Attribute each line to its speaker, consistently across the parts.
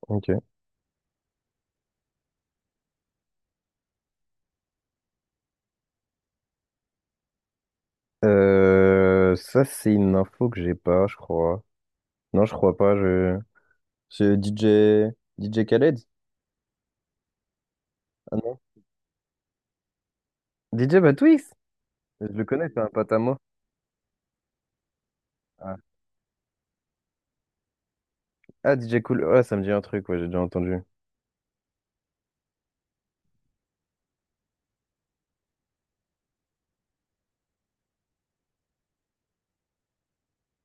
Speaker 1: Ok. Ça, c'est une info que j'ai pas, je crois. Non, je crois pas. C'est DJ Khaled? Ah non. DJ Batwix? Je le connais, c'est un pote à moi. Ah, ah, DJ Cool. Ouais, ça me dit un truc, ouais, j'ai déjà entendu.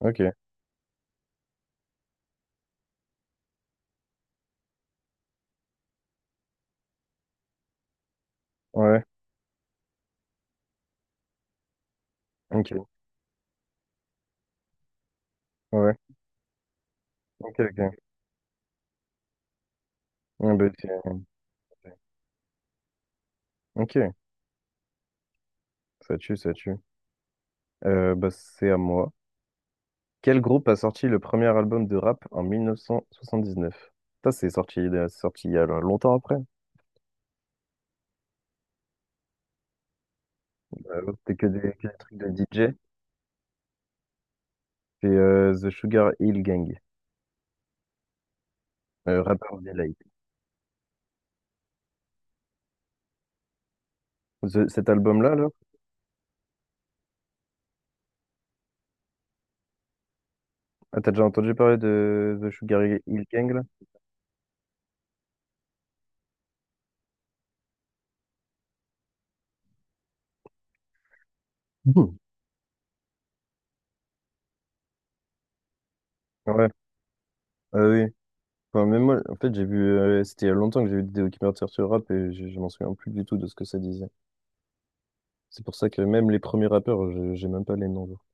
Speaker 1: Ok. Ouais. Ok. Ouais. Ok, ok. Ah, bah, ok. Ok. Ça tue, ça tue. Bah, c'est à moi. Quel groupe a sorti le premier album de rap en 1979? Ça, c'est sorti il y a longtemps après. C'était que des trucs de DJ. C'est The Sugar Hill Gang, Rappeurs Delight. Cet album-là, là, ah, t'as déjà entendu parler de The Sugar Hill Gang, là? Mhm. Ouais, ah oui. Enfin, même moi, en fait, j'ai vu, c'était il y a longtemps que j'ai vu des documentaires sur le rap et je m'en souviens plus du tout de ce que ça disait. C'est pour ça que même les premiers rappeurs, j'ai même pas les noms, genre.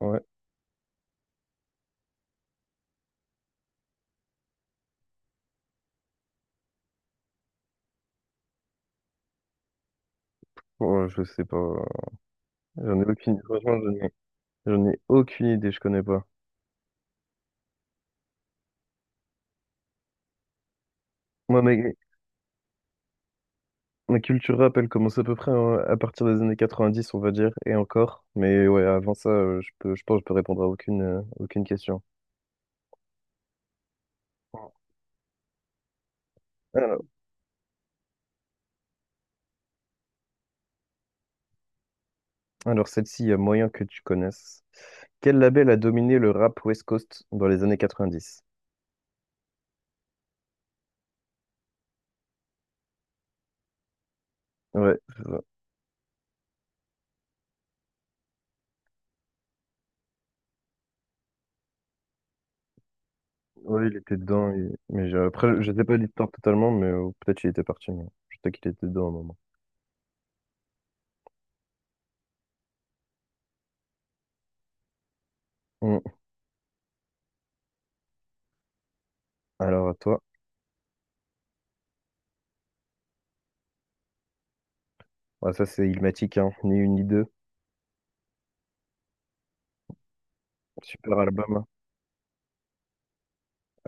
Speaker 1: Ouais, bon, je sais pas. J'en ai aucune, franchement, j'en ai, j'en ai aucune idée, je connais pas. Moi, mec, la culture rap, elle commence à peu près hein, à partir des années 90, on va dire, et encore. Mais ouais, avant ça, je pense que je peux répondre à aucune, aucune question. Alors, alors celle-ci, il y a moyen que tu connaisses. Quel label a dominé le rap West Coast dans les années 90? Ouais, c'est ça. Ouais, il était dedans. Mais après, je sais pas l'histoire totalement, mais peut-être qu'il était parti. Mais je sais qu'il était dedans à un moment. Hum. Alors à toi. Ouais, ça, c'est Illmatic, hein. Ni une ni deux. Super album.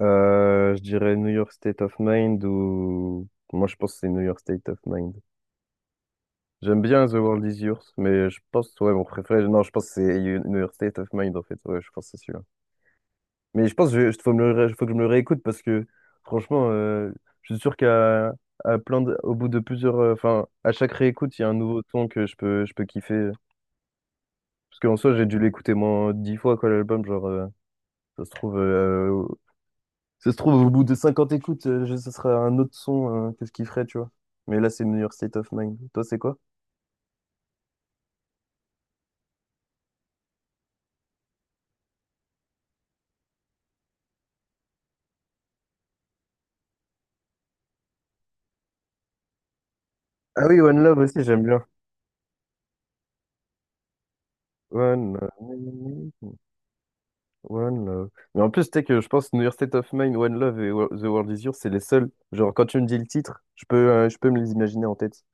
Speaker 1: Je dirais New York State of Mind ou... Moi, je pense que c'est New York State of Mind. J'aime bien The World Is Yours, mais je pense, ouais, mon préféré... Non, je pense que c'est New York State of Mind, en fait. Ouais, je pense que c'est celui-là. Mais je pense que je faut me le ré- faut que je me le réécoute parce que, franchement, je suis sûr qu'à à au bout de plusieurs... Enfin, à chaque réécoute, il y a un nouveau ton que je peux kiffer. Parce qu'en soi, j'ai dû l'écouter moins 10 fois, quoi, l'album. Ça se trouve... euh, Ça se trouve, au bout de 50 écoutes, ce serait un autre son, qu'est-ce qu'il ferait, tu vois. Mais là, c'est New York State of Mind. Toi, c'est quoi? Ah oui, One Love aussi, j'aime bien. One Love. One Love. Mais en plus, tu sais que je pense New York State of Mind, One Love et The World Is Yours, c'est les seuls. Genre, quand tu me dis le titre, je peux me les imaginer en tête.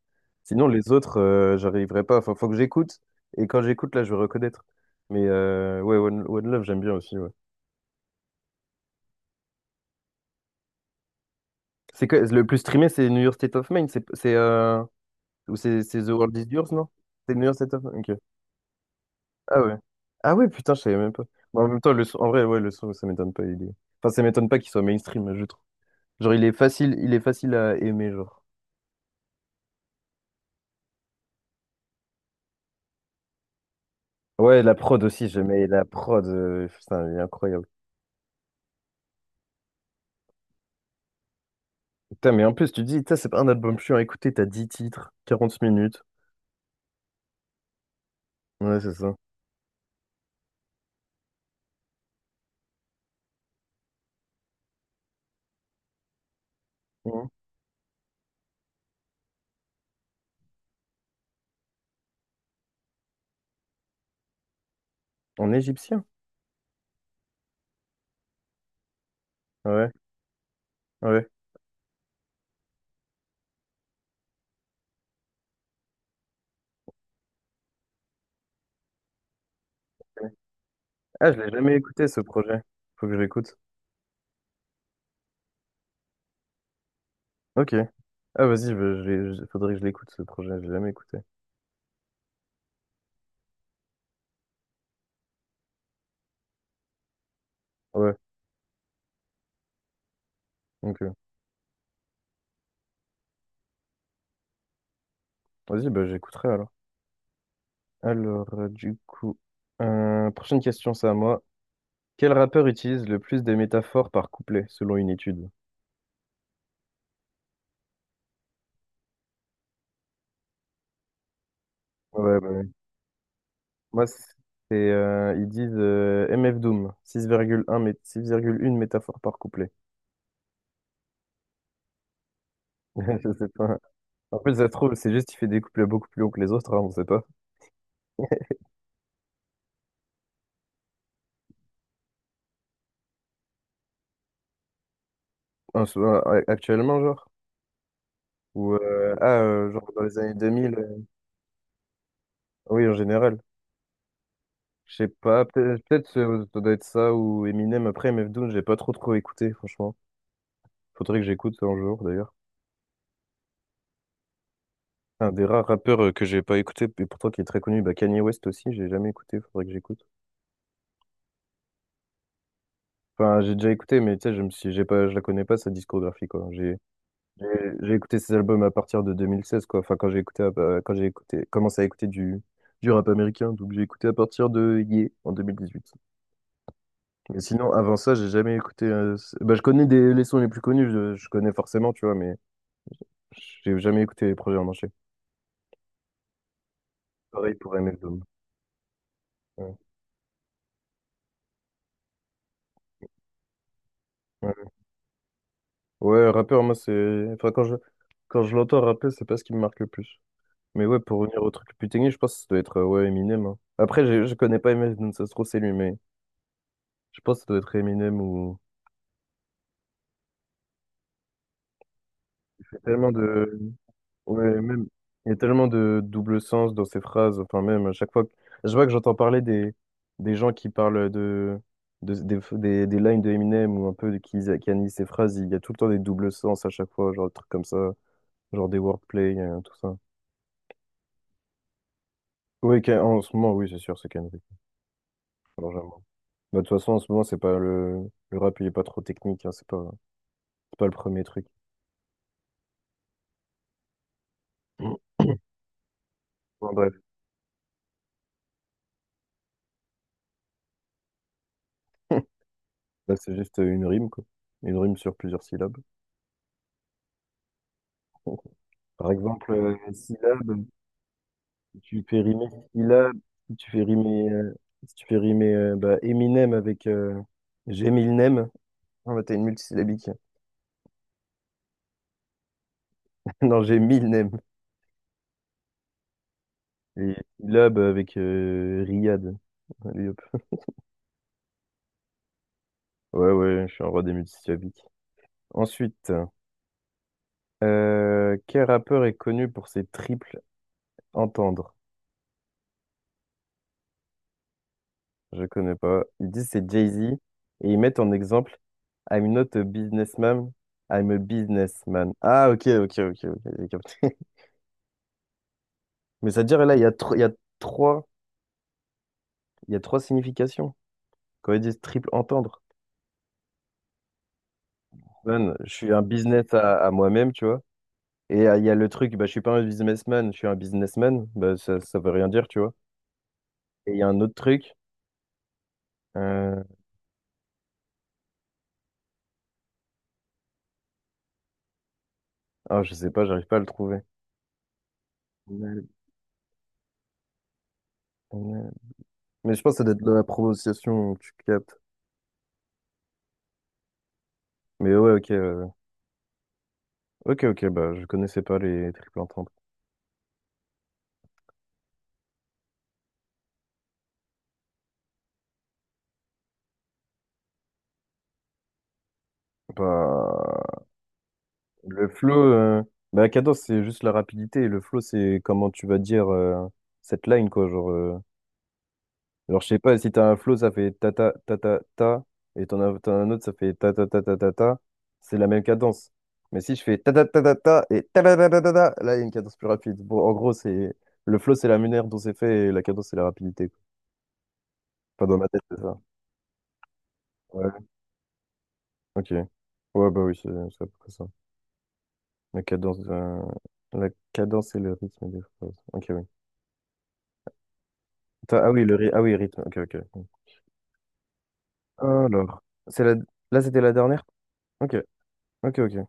Speaker 1: Sinon, les autres, j'arriverai pas. Enfin, faut que j'écoute. Et quand j'écoute, là, je vais reconnaître. Mais ouais, One Love, j'aime bien aussi, ouais. C'est que le plus streamé, c'est New York State of Mind. Ou c'est The World is Yours, non? C'est New York Ok. Ah ouais. Ah ouais, putain, je savais même pas. Mais en même temps, en vrai, ouais, le son, ça m'étonne pas. Il est... Enfin, ça m'étonne pas qu'il soit mainstream, je trouve. Genre, il est facile à aimer, genre. Ouais, la prod aussi, j'aimais la prod. Putain, elle est incroyable. Putain, mais en plus, tu te dis, putain, c'est pas un album chiant à écouter, t'as 10 titres, 40 minutes. Ouais, c'est ça. Mhm. En égyptien? Ouais, ouais. Ah, je l'ai jamais écouté, ce projet. Faut que je l'écoute. Ok. Ah, vas-y, faudrait que je l'écoute, ce projet, je l'ai jamais écouté. Ouais. Ok. Vas-y, bah, j'écouterai alors. Alors, du coup, prochaine question, c'est à moi. Quel rappeur utilise le plus des métaphores par couplet, selon une étude? Ouais, bah, ouais. Moi, c'est, ils disent MF Doom, 6,1 métaphore par couplet. Je sais pas. En fait, ça se trouve, c'est juste qu'il fait des couplets beaucoup plus longs que les autres, hein, on sait pas. Un- Actuellement, genre? Ou, genre dans les années 2000, oui, en général. Je sais pas, ça doit être ça ou Eminem après MF Doom, j'ai pas trop trop écouté, franchement. Faudrait que j'écoute un jour d'ailleurs. Un des rares rappeurs que j'ai pas écouté, et pourtant qui est très connu, bah Kanye West aussi, j'ai jamais écouté, faudrait que j'écoute. Enfin, j'ai déjà écouté, mais tu sais, je me suis, j'ai pas, je la connais pas sa discographie quoi. J'ai j'ai écouté ses albums à partir de 2016 quoi. Enfin, quand j'ai écouté, commencé à écouter du rap américain, donc j'ai écouté à partir de Ye en 2018. Mais sinon, avant ça, j'ai jamais écouté. Bah, je connais les sons les plus connus, je connais forcément, tu vois, mais j'ai jamais écouté les projets en entier. Pareil pour MF Doom. Ouais, ouais. Ouais, rappeur, moi, c'est. Enfin, quand je l'entends rapper, c'est pas ce qui me marque le plus. Mais ouais, pour revenir au truc plus technique, je pense que ça doit être ouais, Eminem, hein. Après, je connais pas Eminem Doom, ça se trouve, c'est lui, mais je pense que ça doit être Eminem ou. Il y a tellement de, Ouais, même, il y a tellement de double sens dans ces phrases. Enfin, même, à chaque fois que je vois que j'entends parler des gens qui parlent des lines de Eminem ou un peu qui analysent ces phrases, il y a tout le temps des doubles sens à chaque fois, genre des trucs comme ça, genre des wordplay, tout ça. Oui, en ce moment, oui, c'est sûr, c'est Kendrick. Alors, j'avoue. Bah, de toute façon, en ce moment, c'est pas le rap, il est pas trop technique, hein, c'est pas le premier truc. Bon, bref, là, c'est juste une rime, quoi. Une rime sur plusieurs syllabes. Par exemple, syllabe. Si tu fais rimer Stila, si tu fais rimer, Si tu fais rimer bah, Eminem avec j'ai mille nems. Ah bah t'as une multisyllabique. Non, j'ai mille nems. Et Lab avec Riyad. Allez hop. Ouais, ouais, je suis un roi des multisyllabiques. Ensuite, quel rappeur est connu pour ses triples entendre? Je connais pas. Ils disent c'est Jay-Z et ils mettent en exemple I'm not a businessman, I'm a businessman. Ah, ok, ok, ok, ok, j'ai capté. Mais c'est-à-dire, là, trois, il y a trois significations. Quand ils disent triple entendre, man, je suis un business à moi-même, tu vois. Et il y a le truc, bah, je suis pas un businessman, je suis un businessman, bah, ça veut rien dire, tu vois. Et il y a un autre truc, euh... ah, je sais pas, j'arrive pas à le trouver. Mal- mal. Mais je pense que ça doit être de la prononciation que tu captes. Mais ouais, ok, ok, ok, bah, je connaissais pas les triples entendre. Bah, Le flow, euh, bah, la cadence, c'est juste la rapidité. Et le flow, c'est comment tu vas dire cette line, quoi. Genre, je sais pas, si t'as un flow, ça fait ta ta ta ta ta. Et t'en as un autre, ça fait ta ta ta ta ta ta. C'est la même cadence. Mais si je fais ta ta ta ta ta et ta ta ta ta ta, ta, là, il y a une cadence plus rapide. Bon, en gros, c'est le flow, c'est la manière dont c'est fait et la cadence, c'est la rapidité, quoi. Enfin, dans ma tête, c'est ça. Ouais, ok. Ouais, bah oui, c'est à peu près ça. La cadence, euh, la cadence et le rythme des phrases. Ok, attends, ah oui, ah oui, rythme. Ok, ok. Alors, c'est la... là, c'était la dernière? Ok, ok, ok.